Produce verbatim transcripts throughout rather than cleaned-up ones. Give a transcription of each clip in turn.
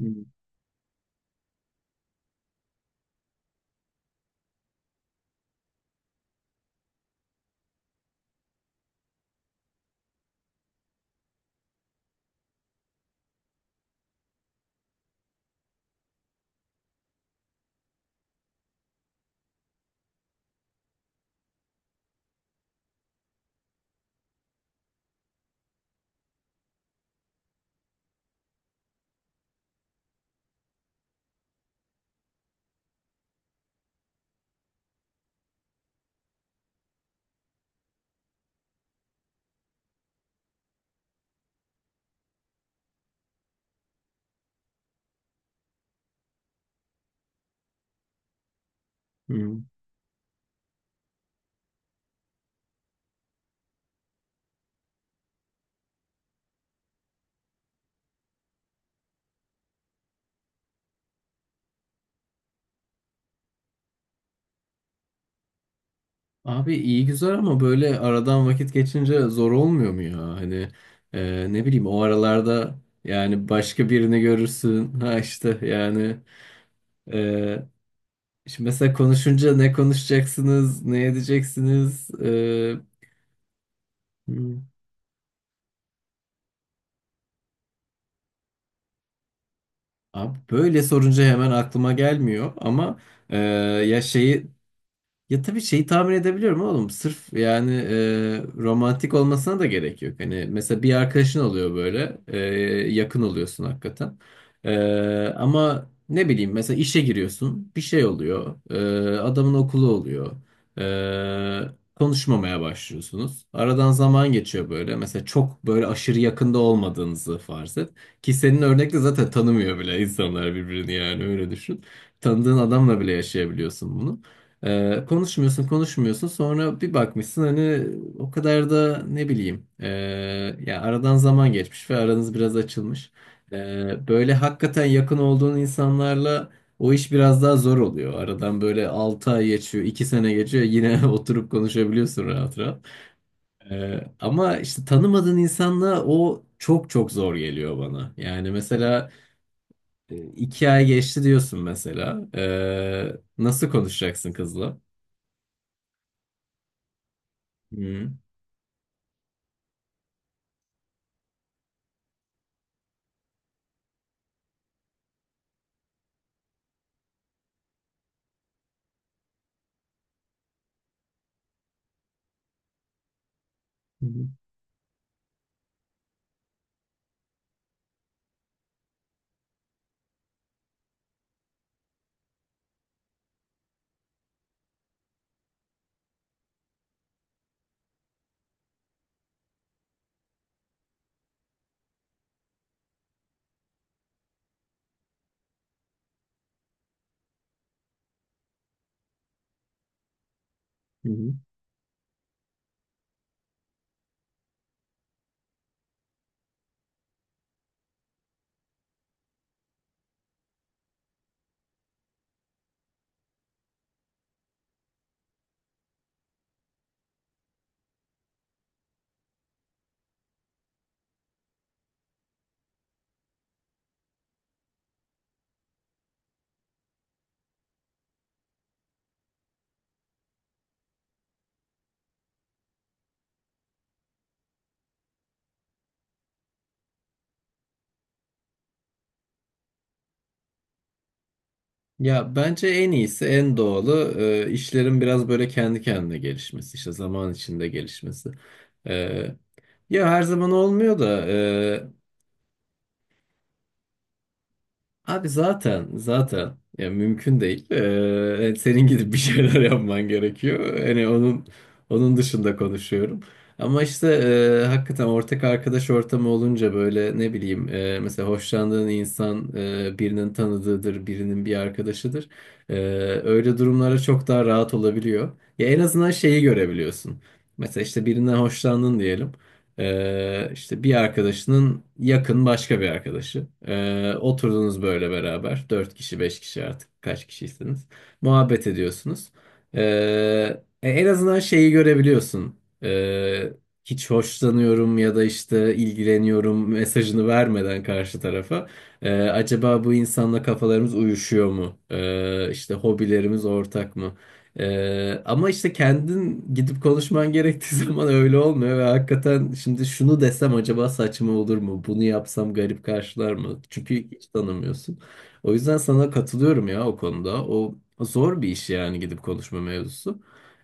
Hı, hı. Abi iyi güzel ama böyle aradan vakit geçince zor olmuyor mu ya? Hani e, ne bileyim o aralarda yani başka birini görürsün. Ha işte yani e, şimdi mesela konuşunca ne konuşacaksınız, ne edeceksiniz? E, hı. Abi böyle sorunca hemen aklıma gelmiyor ama e, ya şeyi Ya tabii şeyi tahmin edebiliyorum oğlum. Sırf yani e, romantik olmasına da gerek yok. Hani mesela bir arkadaşın oluyor böyle. e, yakın oluyorsun hakikaten. E, ama ne bileyim mesela işe giriyorsun. Bir şey oluyor. e, adamın okulu oluyor. E, konuşmamaya başlıyorsunuz. Aradan zaman geçiyor böyle. Mesela çok böyle aşırı yakında olmadığınızı farz et. Ki senin örnekte zaten tanımıyor bile insanlar birbirini yani öyle düşün. Tanıdığın adamla bile yaşayabiliyorsun bunu. Ee, konuşmuyorsun konuşmuyorsun, sonra bir bakmışsın hani o kadar da ne bileyim ee, ya aradan zaman geçmiş ve aranız biraz açılmış. Ee, böyle hakikaten yakın olduğun insanlarla o iş biraz daha zor oluyor. Aradan böyle altı ay geçiyor, iki sene geçiyor, yine oturup konuşabiliyorsun rahat rahat. Ee, ama işte tanımadığın insanla o çok çok zor geliyor bana. Yani mesela e, iki ay geçti diyorsun mesela. Ee, nasıl konuşacaksın kızla? Hı. Hı hı, hı hı. Ya bence en iyisi, en doğalı e, işlerin biraz böyle kendi kendine gelişmesi, işte zaman içinde gelişmesi. E, ya her zaman olmuyor da. Abi zaten, zaten ya mümkün değil. Ee, senin gidip bir şeyler yapman gerekiyor. Hani onun onun dışında konuşuyorum. Ama işte e, hakikaten ortak arkadaş ortamı olunca böyle ne bileyim e, mesela hoşlandığın insan e, birinin tanıdığıdır, birinin bir arkadaşıdır. E, öyle durumlara çok daha rahat olabiliyor. Ya en azından şeyi görebiliyorsun. Mesela işte birinden hoşlandın diyelim. Ee, işte bir arkadaşının yakın başka bir arkadaşı. Ee, oturdunuz böyle beraber. Dört kişi, beş kişi, artık kaç kişiyseniz. Muhabbet ediyorsunuz. Ee, e, en azından şeyi görebiliyorsun. Ee, hiç hoşlanıyorum ya da işte ilgileniyorum mesajını vermeden karşı tarafa. Ee, acaba bu insanla kafalarımız uyuşuyor mu? Ee, işte hobilerimiz ortak mı? Ee, ama işte kendin gidip konuşman gerektiği zaman öyle olmuyor ve hakikaten şimdi şunu desem acaba saçma olur mu? Bunu yapsam garip karşılar mı? Çünkü hiç tanımıyorsun. O yüzden sana katılıyorum ya o konuda. O zor bir iş yani, gidip konuşma mevzusu.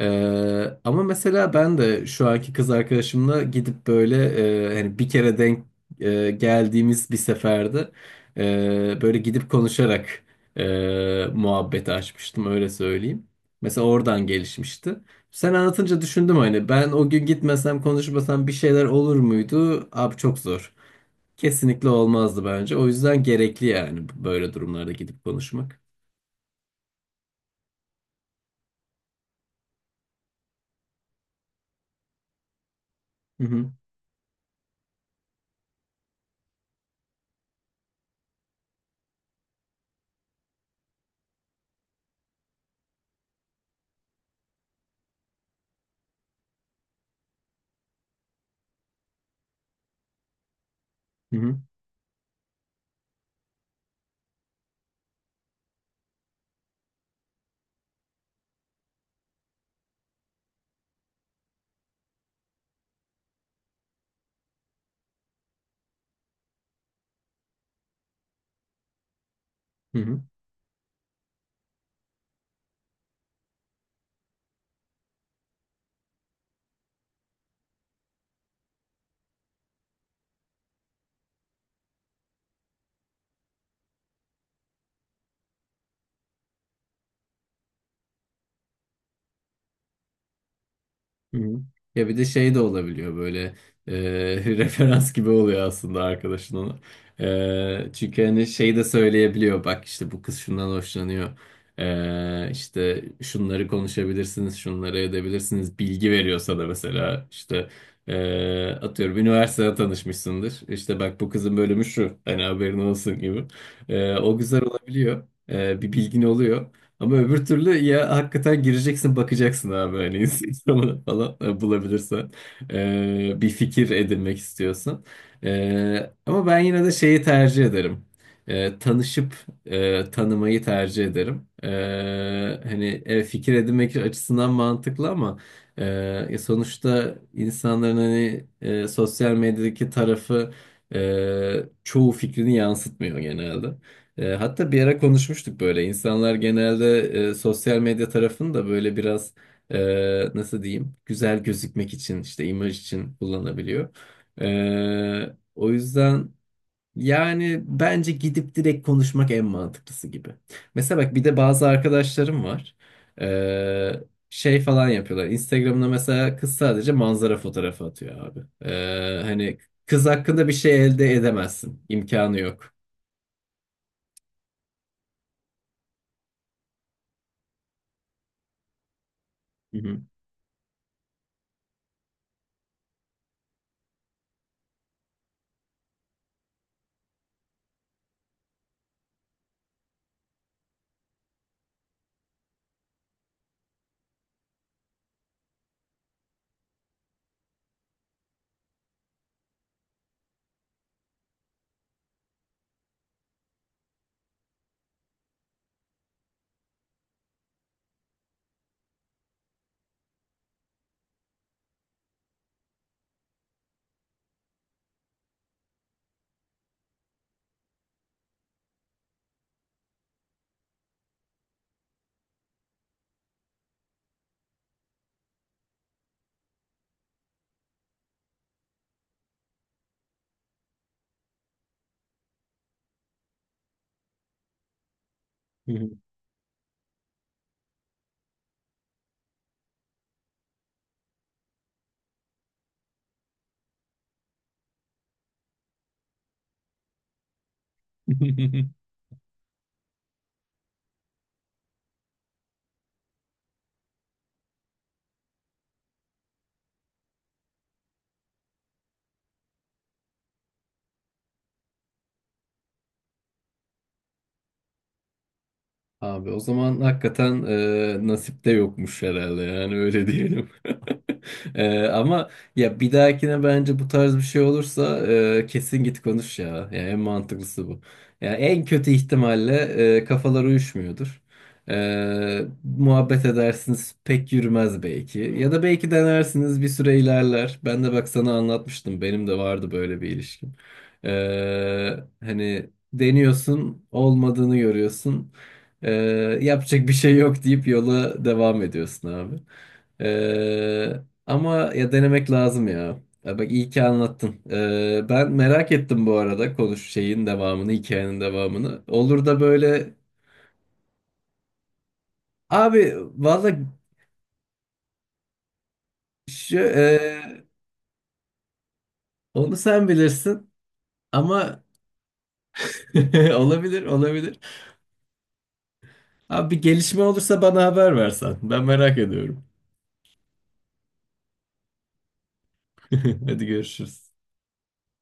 Ee, ama mesela ben de şu anki kız arkadaşımla gidip böyle, e, hani bir kere denk e, geldiğimiz bir seferde e, böyle gidip konuşarak e, muhabbeti açmıştım, öyle söyleyeyim. Mesela oradan gelişmişti. Sen anlatınca düşündüm, hani ben o gün gitmesem konuşmasam bir şeyler olur muydu? Abi çok zor. Kesinlikle olmazdı bence. O yüzden gerekli yani böyle durumlarda gidip konuşmak. Hı hı. Hı hı. Hı hı. Hı hı. Ya bir de şey de olabiliyor böyle, e, referans gibi oluyor aslında arkadaşın ona. E, çünkü hani şey de söyleyebiliyor, bak işte bu kız şundan hoşlanıyor. E, işte şunları konuşabilirsiniz, şunları edebilirsiniz. Bilgi veriyor sana mesela, işte e, atıyorum üniversitede tanışmışsındır. İşte bak, bu kızın bölümü şu, hani haberin olsun gibi. E, o güzel olabiliyor. E, bir bilgin oluyor. Ama öbür türlü ya hakikaten gireceksin bakacaksın abi, hani Instagram'ı falan e, bulabilirsen, e, bir fikir edinmek istiyorsan. E, ama ben yine de şeyi tercih ederim. E, tanışıp e, tanımayı tercih ederim. E, hani e, fikir edinmek açısından mantıklı ama e, ya sonuçta insanların hani e, sosyal medyadaki tarafı e, çoğu fikrini yansıtmıyor genelde. E, hatta bir ara konuşmuştuk böyle. İnsanlar genelde e, sosyal medya tarafını da böyle biraz, e, nasıl diyeyim, güzel gözükmek için, işte imaj için kullanabiliyor. E, o yüzden yani bence gidip direkt konuşmak en mantıklısı gibi. Mesela bak, bir de bazı arkadaşlarım var. E, şey falan yapıyorlar. Instagram'da mesela kız sadece manzara fotoğrafı atıyor abi. E, hani kız hakkında bir şey elde edemezsin. İmkanı yok. Hı hı. Hı. Abi o zaman hakikaten e, nasipte yokmuş herhalde, yani öyle diyelim. E, ama ya bir dahakine bence bu tarz bir şey olursa e, kesin git konuş ya. Yani en mantıklısı bu. Yani en kötü ihtimalle e, kafalar uyuşmuyordur. E, muhabbet edersiniz, pek yürümez belki. Ya da belki denersiniz, bir süre ilerler. Ben de bak sana anlatmıştım, benim de vardı böyle bir ilişkim. E, hani deniyorsun, olmadığını görüyorsun. Ee, yapacak bir şey yok deyip yola devam ediyorsun abi. Ee, ama ya denemek lazım ya. Ya bak, iyi ki anlattın. Ee, ben merak ettim bu arada, konuş şeyin devamını, hikayenin devamını. Olur da böyle, abi valla şu, e, onu sen bilirsin ama olabilir, olabilir. Abi bir gelişme olursa bana haber versen. Ben merak ediyorum. Hadi görüşürüz.